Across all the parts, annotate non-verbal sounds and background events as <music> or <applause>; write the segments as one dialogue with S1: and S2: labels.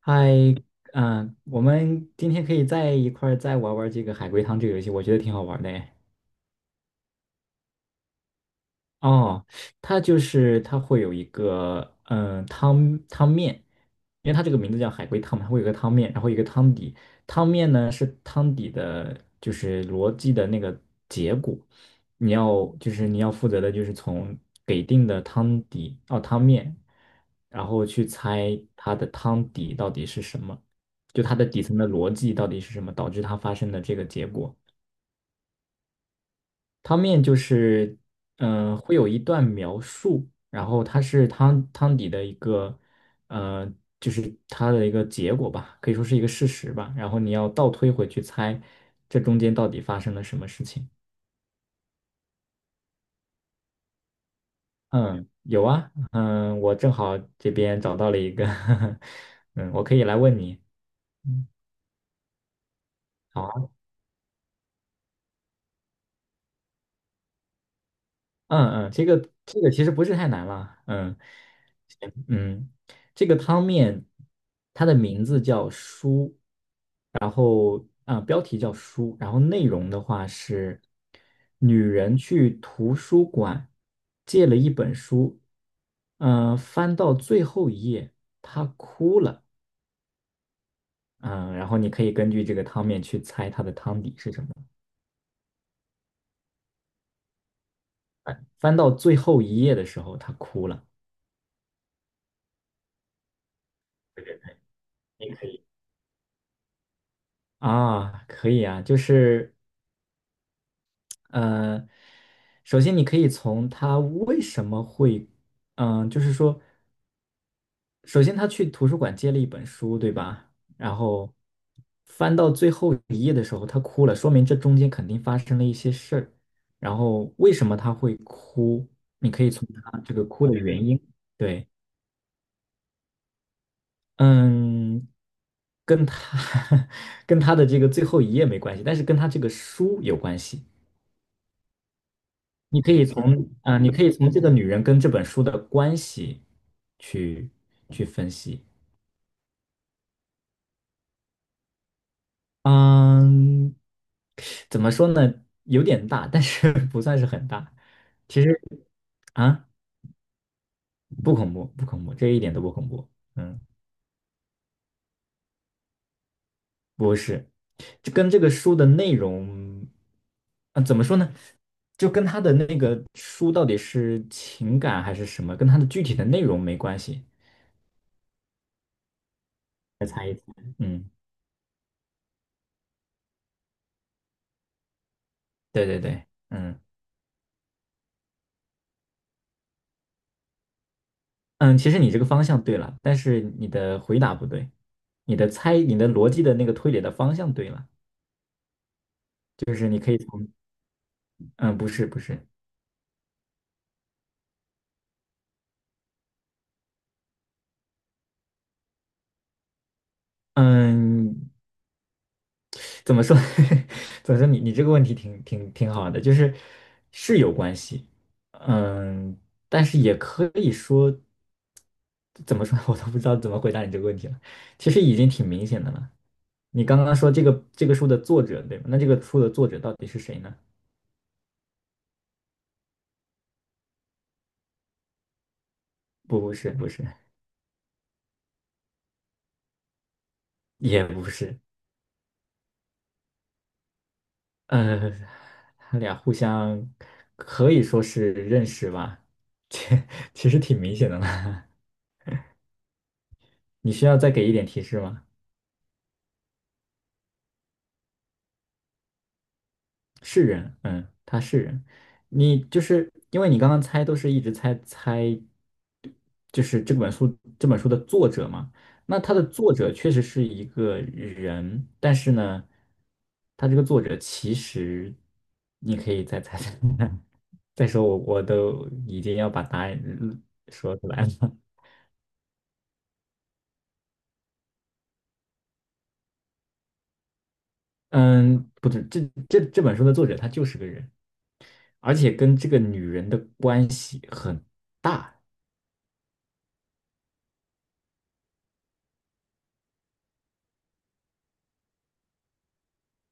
S1: 嗨，我们今天可以在一块儿再玩玩这个海龟汤这个游戏，我觉得挺好玩的诶。哦，它就是它会有一个汤面，因为它这个名字叫海龟汤嘛，它会有一个汤面，然后一个汤底。汤面呢是汤底的，就是逻辑的那个结果。你要负责的就是从给定的汤底哦汤面，然后去猜它的汤底到底是什么，就它的底层的逻辑到底是什么，导致它发生的这个结果。汤面就是，会有一段描述，然后它是汤底的一个，呃，就是它的一个结果吧，可以说是一个事实吧。然后你要倒推回去猜，这中间到底发生了什么事情？嗯，有啊，我正好这边找到了一个 <laughs> 嗯，我可以来问你。嗯，好啊，这个其实不是太难了，嗯，这个汤面它的名字叫“书”。啊，标题叫书，然后内容的话是女人去图书馆借了一本书，翻到最后一页，她哭了，嗯、然后你可以根据这个汤面去猜它的汤底是什么。翻到最后一页的时候，她哭了。啊，可以啊，就是呃，首先你可以从她为什么会，就是说。首先他去图书馆借了一本书，对吧？然后翻到最后一页的时候，他哭了，说明这中间肯定发生了一些事儿。然后为什么他会哭？你可以从他这个哭的原因，对，嗯，跟他 <laughs> 跟他的这个最后一页没关系，但是跟他这个书有关系。你可以从你可以从这个女人跟这本书的关系去去分析。嗯，怎么说呢？有点大，但是 <laughs> 不算是很大。其实啊，不恐怖，不恐怖，这一点都不恐怖。嗯，不是，就跟这个书的内容，啊，怎么说呢？就跟他的那个书到底是情感还是什么，跟他的具体的内容没关系。嗯，对对对，嗯，其实你这个方向对了，但是你的回答不对，你的逻辑的那个推理的方向对了。就是你可以从嗯，不是不是，嗯，怎么说？<laughs> 怎么说你？你这个问题挺好的，就是是有关系，嗯，但是也可以说怎么说，<laughs> 我都不知道怎么回答你这个问题了。其实已经挺明显的了。你刚刚说这个书的作者对吗？那这个书的作者到底是谁呢？不，不是，不是，也不是，呃，他俩互相可以说是认识吧，<laughs> 其其实挺明显的了。<laughs> 你需要再给一点提示吗？是人，他是人。你就是因为你刚刚猜都是一直猜猜，就是这本书的作者嘛。那他的作者确实是一个人，但是呢，他这个作者其实你可以再猜猜看 <laughs> 再说我都已经要把答案说出来了。嗯，不是，这本书的作者他就是个人，而且跟这个女人的关系很大。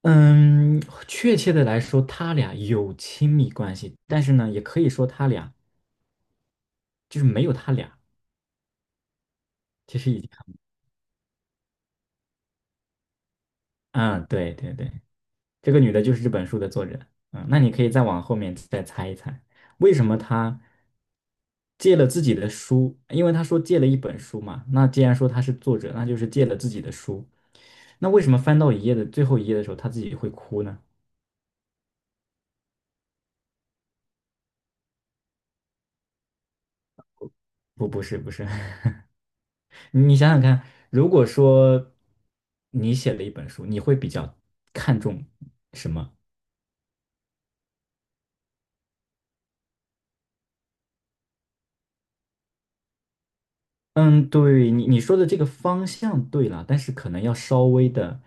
S1: 嗯，确切的来说，他俩有亲密关系，但是呢，也可以说他俩就是没有他俩，其实已经很嗯，对对对，这个女的就是这本书的作者，那你可以再往后面再猜一猜，为什么她借了自己的书？因为她说借了一本书嘛，那既然说她是作者，那就是借了自己的书，那为什么翻到一页的最后一页的时候，她自己会哭呢？不，不是，不是，<laughs> 你想想看，如果说你写了一本书，你会比较看重什么？嗯，对，你说的这个方向对了，但是可能要稍微的，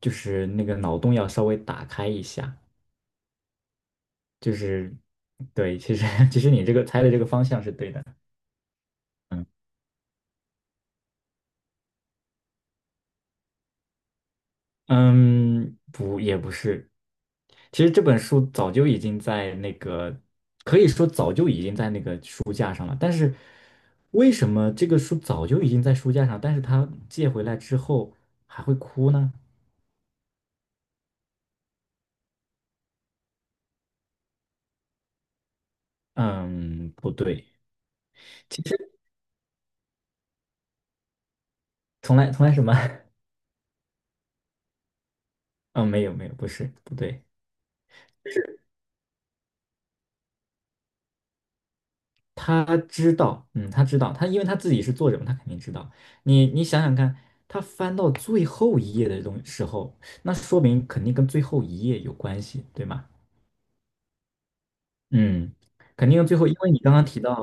S1: 就是那个脑洞要稍微打开一下，就是对，其实 <laughs> 其实你这个猜的这个方向是对的。嗯。嗯，不，也不是。其实这本书早就已经在那个，可以说早就已经在那个书架上了。但是为什么这个书早就已经在书架上，但是他借回来之后还会哭呢？嗯，不对，其实从来什么？<laughs> 嗯，没有没有，不是，不对。他知道，他知道，他因为他自己是作者嘛，他肯定知道。你想想看，他翻到最后一页的东时候，那说明肯定跟最后一页有关系，对吗？嗯，肯定最后，因为你刚刚提到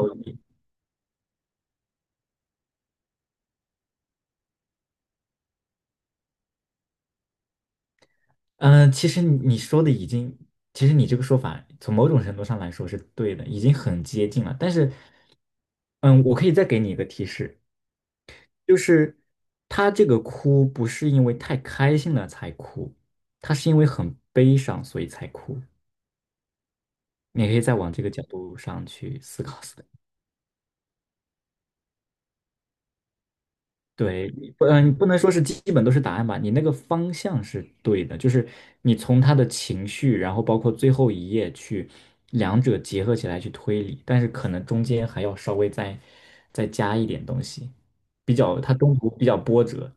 S1: 其实你说的已经，其实你这个说法从某种程度上来说是对的，已经很接近了。但是，嗯，我可以再给你一个提示，就是他这个哭不是因为太开心了才哭，他是因为很悲伤所以才哭。你可以再往这个角度上去思考思考。对，你不，嗯，不能说是基本都是答案吧，你那个方向是对的，就是你从他的情绪，然后包括最后一页去两者结合起来去推理，但是可能中间还要稍微再加一点东西，比较它中途比较波折。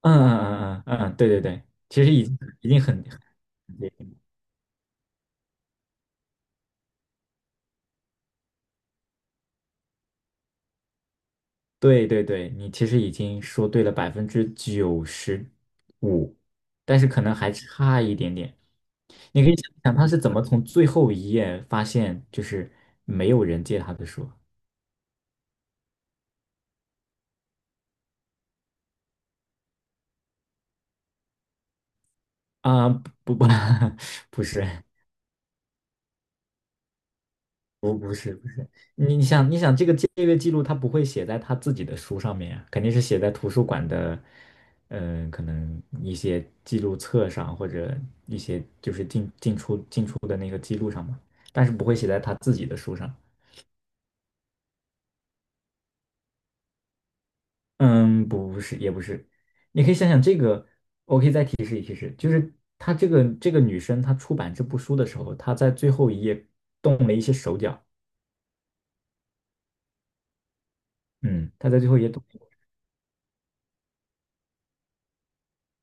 S1: 嗯嗯嗯嗯嗯，对对对，其实已经很。很对对对，你其实已经说对了95%，但是可能还差一点点。你可以想想他是怎么从最后一页发现就是没有人借他的书。啊、不不 <laughs> 不是，不不是不是，你想这个借阅记录，他不会写在他自己的书上面呀，肯定是写在图书馆的，可能一些记录册上或者一些就是进进出进出的那个记录上嘛，但是不会写在他自己的书上。嗯，不是也不是，你可以想想这个，我可以再提示一提示，就是她这个女生她出版这部书的时候，她在最后一页动了一些手脚，嗯，她在最后一页动。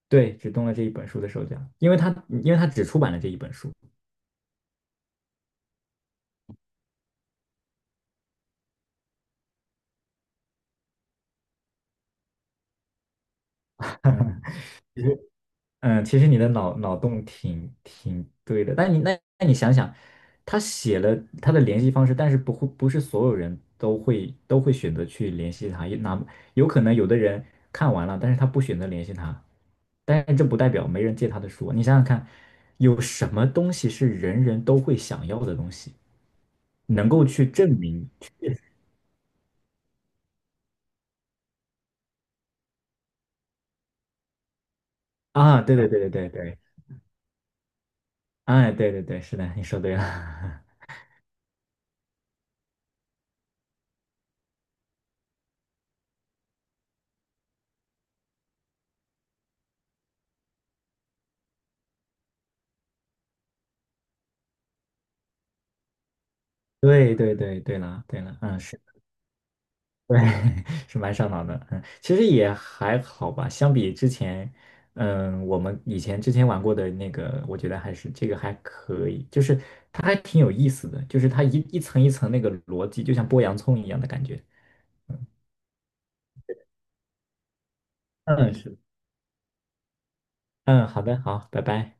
S1: 对，只动了这一本书的手脚，因为他只出版了这一本书 <laughs>。嗯，其实其实你的脑洞挺对的，但你那你想想，他写了他的联系方式，但是不是所有人都会选择去联系他，也哪有可能有的人看完了，但是他不选择联系他，但是这不代表没人借他的书。你想想看，有什么东西是人人都会想要的东西，能够去证明啊？对对对对对对哎，对对对，是的，你说对了，<laughs> 对对对对了对了，嗯，是，对，<laughs> 是蛮上脑的，其实也还好吧，相比之前，我们之前玩过的那个，我觉得还是这个还可以，就是它还挺有意思的，就是它一层一层那个逻辑，就像剥洋葱一样的感觉，嗯，是，嗯，好的，好，拜拜。